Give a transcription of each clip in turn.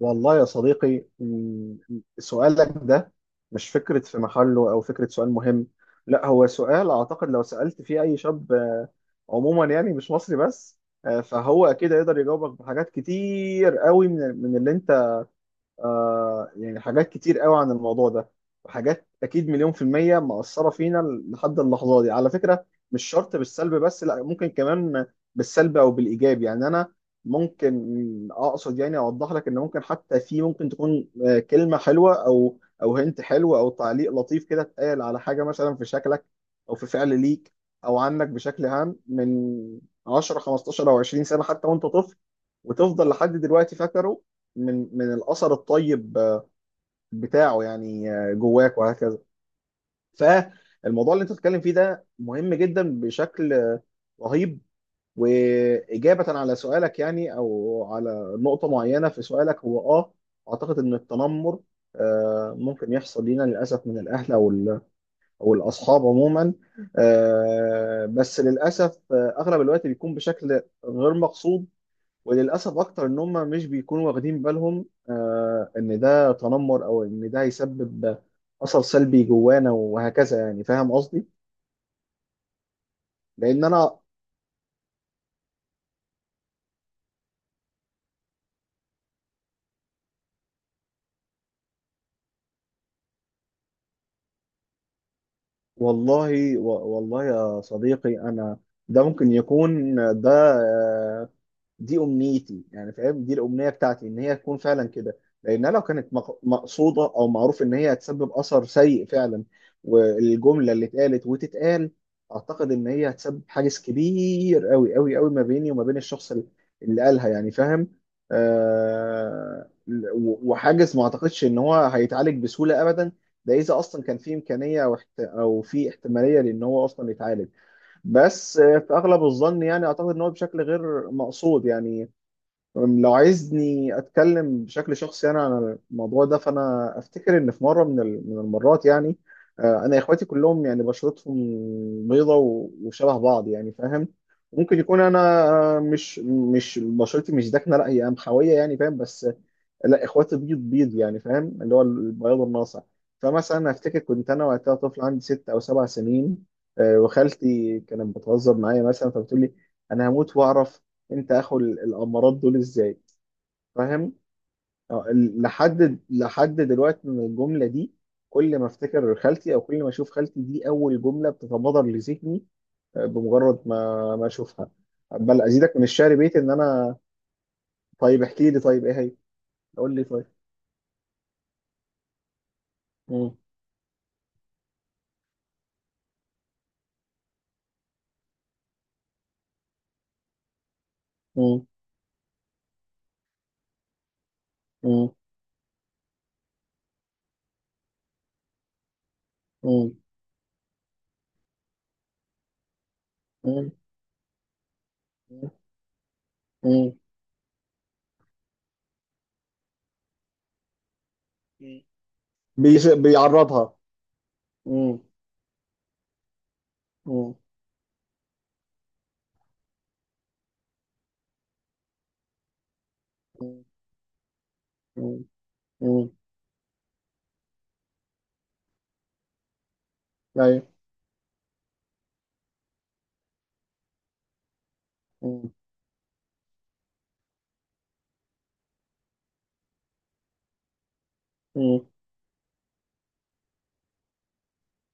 والله يا صديقي، سؤالك ده مش فكرة في محله أو فكرة سؤال مهم. لا، هو سؤال أعتقد لو سألت فيه أي شاب عموما، يعني مش مصري بس، فهو أكيد يقدر يجاوبك بحاجات كتير قوي من اللي أنت يعني، حاجات كتير قوي عن الموضوع ده. وحاجات اكيد مليون في المية مأثرة فينا لحد اللحظة دي على فكرة. مش شرط بالسلب، بس لا، ممكن كمان بالسلب او بالايجاب. يعني انا ممكن اقصد يعني اوضح لك ان ممكن، حتى في ممكن تكون كلمة حلوة او هنت حلو او تعليق لطيف كده اتقال على حاجة مثلا في شكلك او في فعل ليك او عنك بشكل عام من 10 15 او 20 سنة، حتى وانت طفل، وتفضل لحد دلوقتي فاكره من الاثر الطيب بتاعه يعني جواك وهكذا. فالموضوع اللي انت بتتكلم فيه ده مهم جدا بشكل رهيب. واجابه على سؤالك، يعني او على نقطه معينه في سؤالك، هو اعتقد ان التنمر ممكن يحصل لينا للاسف من الاهل او الاصحاب عموما. بس للاسف، اغلب الوقت بيكون بشكل غير مقصود، وللاسف اكتر ان هم مش بيكونوا واخدين بالهم ان ده تنمر او ان ده هيسبب اثر سلبي جوانا وهكذا، يعني فاهم قصدي. لان انا، والله والله يا صديقي انا، ده ممكن يكون، ده دي امنيتي، يعني فاهم؟ دي الامنيه بتاعتي ان هي تكون فعلا كده. لانها لو كانت مقصوده، او معروف ان هي هتسبب اثر سيء فعلا، والجمله اللي اتقالت وتتقال، اعتقد ان هي هتسبب حاجز كبير قوي قوي قوي ما بيني وما بين الشخص اللي قالها، يعني فاهم؟ آه وحاجز ما اعتقدش ان هو هيتعالج بسهوله ابدا، ده اذا اصلا كان في امكانيه او في احتماليه لان هو اصلا يتعالج. بس في اغلب الظن، يعني اعتقد ان هو بشكل غير مقصود يعني. لو عايزني اتكلم بشكل شخصي انا عن الموضوع ده، فانا افتكر ان في مره من من المرات، يعني انا اخواتي كلهم يعني بشرتهم بيضه، وشبه بعض يعني فاهم. ممكن يكون انا مش بشرتي مش داكنه، لا هي قمحويه يعني فاهم، بس لا اخواتي بيض بيض يعني فاهم، اللي هو البياض الناصع. فمثلا افتكر كنت انا وقتها طفل عندي ست او سبع سنين، وخالتي كانت بتهزر معايا مثلا فبتقول لي: انا هموت واعرف انت اخو الامارات دول ازاي. فاهم؟ اه، لحد دلوقتي من الجمله دي، كل ما افتكر خالتي او كل ما اشوف خالتي، دي اول جمله بتتبادر لذهني، اه، بمجرد ما اشوفها. بل ازيدك من الشعر بيت ان انا. طيب احكي لي طيب، ايه هي؟ قول لي طيب. مم. مم. مم. مم. مم. مم. مم. بيعرضها. مم. مم. مم. مم. مم. ايوه. مم. مم.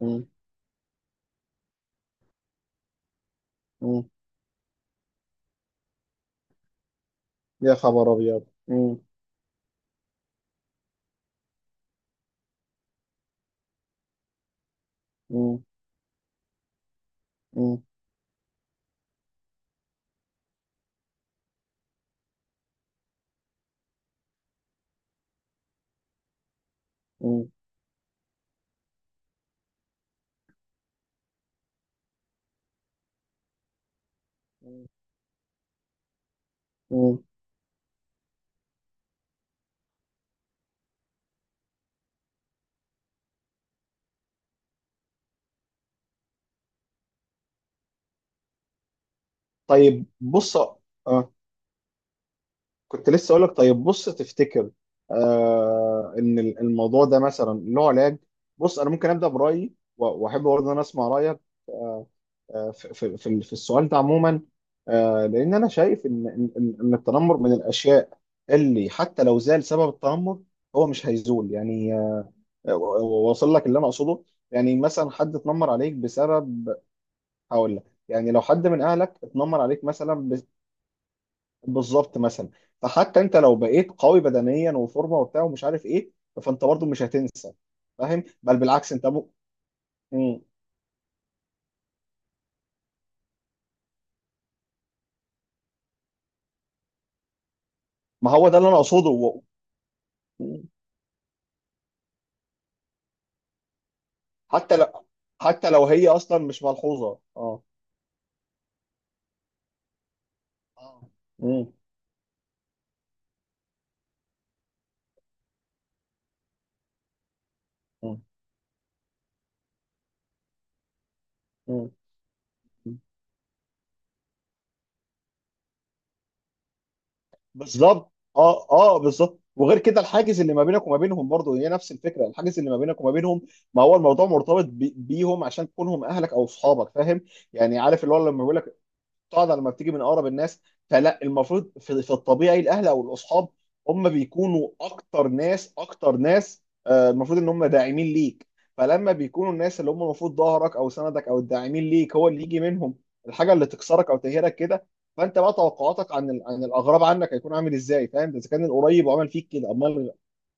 مم. مم. يا خبر ابيض. مم. مم. مم. مم. مم. طيب بص، آه. كنت لسه اقول لك: طيب بص، تفتكر الموضوع ده مثلا له علاج؟ بص انا ممكن ابدا برايي واحب برضه ان انا اسمع رايك في السؤال ده عموما. لان انا شايف ان ان ان إن التنمر من الاشياء اللي حتى لو زال سبب التنمر، هو مش هيزول، يعني و- واصل لك اللي انا اقصده. يعني مثلا حد اتنمر عليك بسبب، هقول لك، يعني لو حد من اهلك اتنمر عليك مثلا بالظبط مثلا. فحتى انت لو بقيت قوي بدنيا وفورمه وبتاع ومش عارف ايه، فانت برضو مش هتنسى. فاهم؟ بل بالعكس انت مم. ما هو ده اللي انا اقصده مم. حتى لو، حتى لو هي اصلا مش ملحوظه. اه. اه. مم. مم. مم. بالظبط. اه بالظبط. وغير كده الحاجز اللي ما بينك وما بينهم، برضه هي نفس الفكره، الحاجز اللي ما بينك وما بينهم، ما هو الموضوع مرتبط بيهم عشان تكونهم اهلك او اصحابك، فاهم؟ يعني عارف اللي هو لما بيقول لك: قاعده لما بتيجي من اقرب الناس. فلا، المفروض في الطبيعي الاهل او الاصحاب هم بيكونوا اكتر ناس المفروض ان هم داعمين ليك. فلما بيكونوا الناس اللي هم المفروض ظهرك او سندك او الداعمين ليك هو اللي يجي منهم الحاجه اللي تكسرك او تهيرك كده، فانت بقى توقعاتك عن عن الاغراب عنك هيكون عامل ازاي، فاهم؟ اذا كان القريب عمل فيك كده، امال.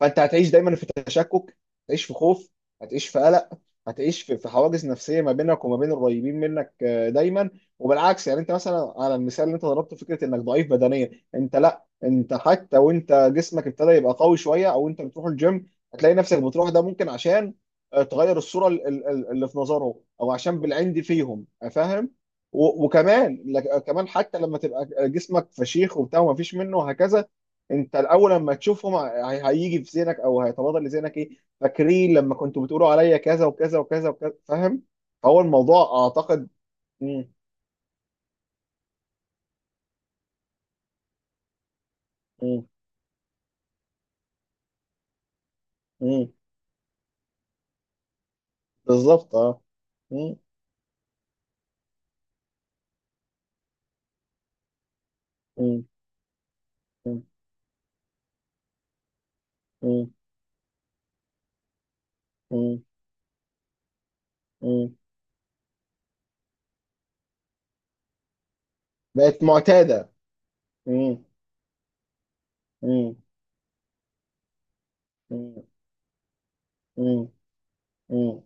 فانت هتعيش دايما في تشكك، هتعيش في خوف، هتعيش في قلق، هتعيش في في حواجز نفسيه ما بينك وما بين القريبين منك دايما. وبالعكس، يعني انت مثلا على المثال اللي انت ضربته، فكره انك ضعيف بدنيا، انت لا، انت حتى وانت جسمك ابتدى يبقى قوي شويه او انت بتروح الجيم، هتلاقي نفسك بتروح ده ممكن عشان تغير الصوره اللي في نظرهم، او عشان بالعين دي فيهم، فاهم؟ وكمان كمان حتى لما تبقى جسمك فشيخ وبتاع وما فيش منه وهكذا، انت الاول لما تشوفهم هيجي في ذهنك او هيتبادر لذهنك ايه: فاكرين لما كنتوا بتقولوا عليا كذا وكذا وكذا وكذا، فاهم؟ فهو الموضوع اعتقد. مم. مم. مم. بالظبط اه. مم. مم. مم. مم. مم. مم. بقت معتاده. مم. مم. مم. مم. مم.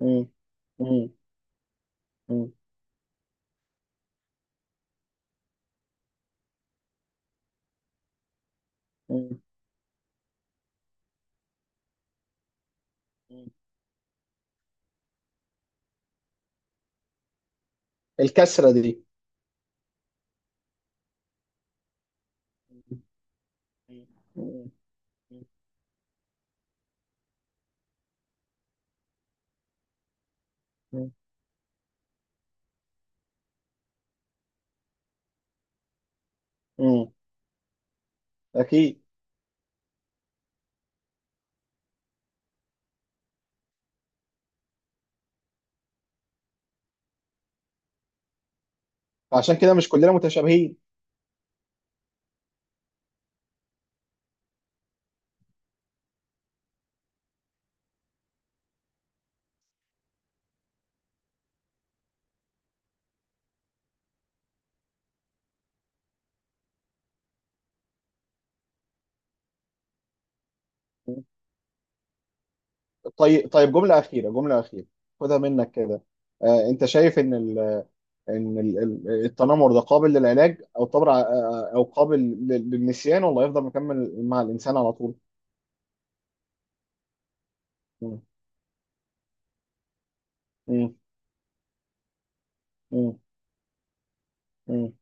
مم. مم. مم. مم. الكسره دي. مم. مم. مم. مم. اكيد. عشان كده مش كلنا متشابهين. طيب، طيب، جملة أخيرة، جملة أخيرة، خدها منك كده. أنت شايف إن التنمر ده قابل للعلاج أو طبعا أو قابل للنسيان، ولا يفضل مكمل مع الإنسان على طول؟ مم. مم. مم. مم.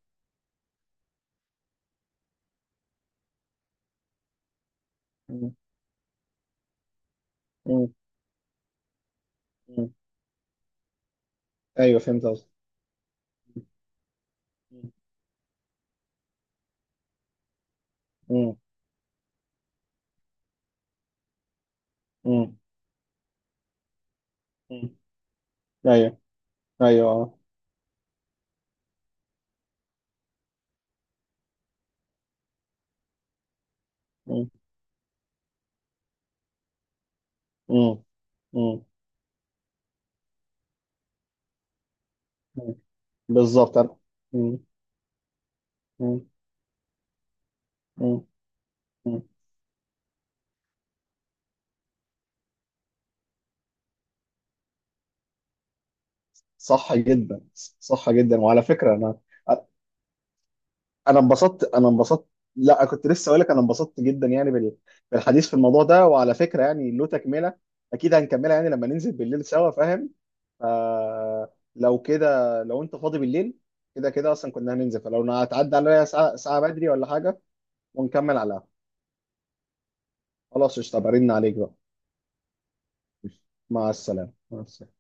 مم. مم. مم. أيوه، فهمت قصدك. مم. مم. مم. أيوه. أيوه مم. مم. مم. مم. بالظبط أنا. مم. مم. مم. مم. صح جدا. صح جدا، وعلى فكرة أنا، انا انبسطت، انا انبسطت. لا، كنت لسه اقول لك انا انبسطت جدا يعني بالحديث في الموضوع ده. وعلى فكره يعني له تكمله، اكيد هنكملها يعني لما ننزل بالليل سوا، فاهم؟ فلو كده، لو انت فاضي بالليل، كده كده اصلا كنا هننزل، فلو هتعدي عليا ساعه ساعه بدري ولا حاجه، ونكمل على القهوة. خلاص قشطه، برن عليك بقى. مع السلامه، مع السلامه.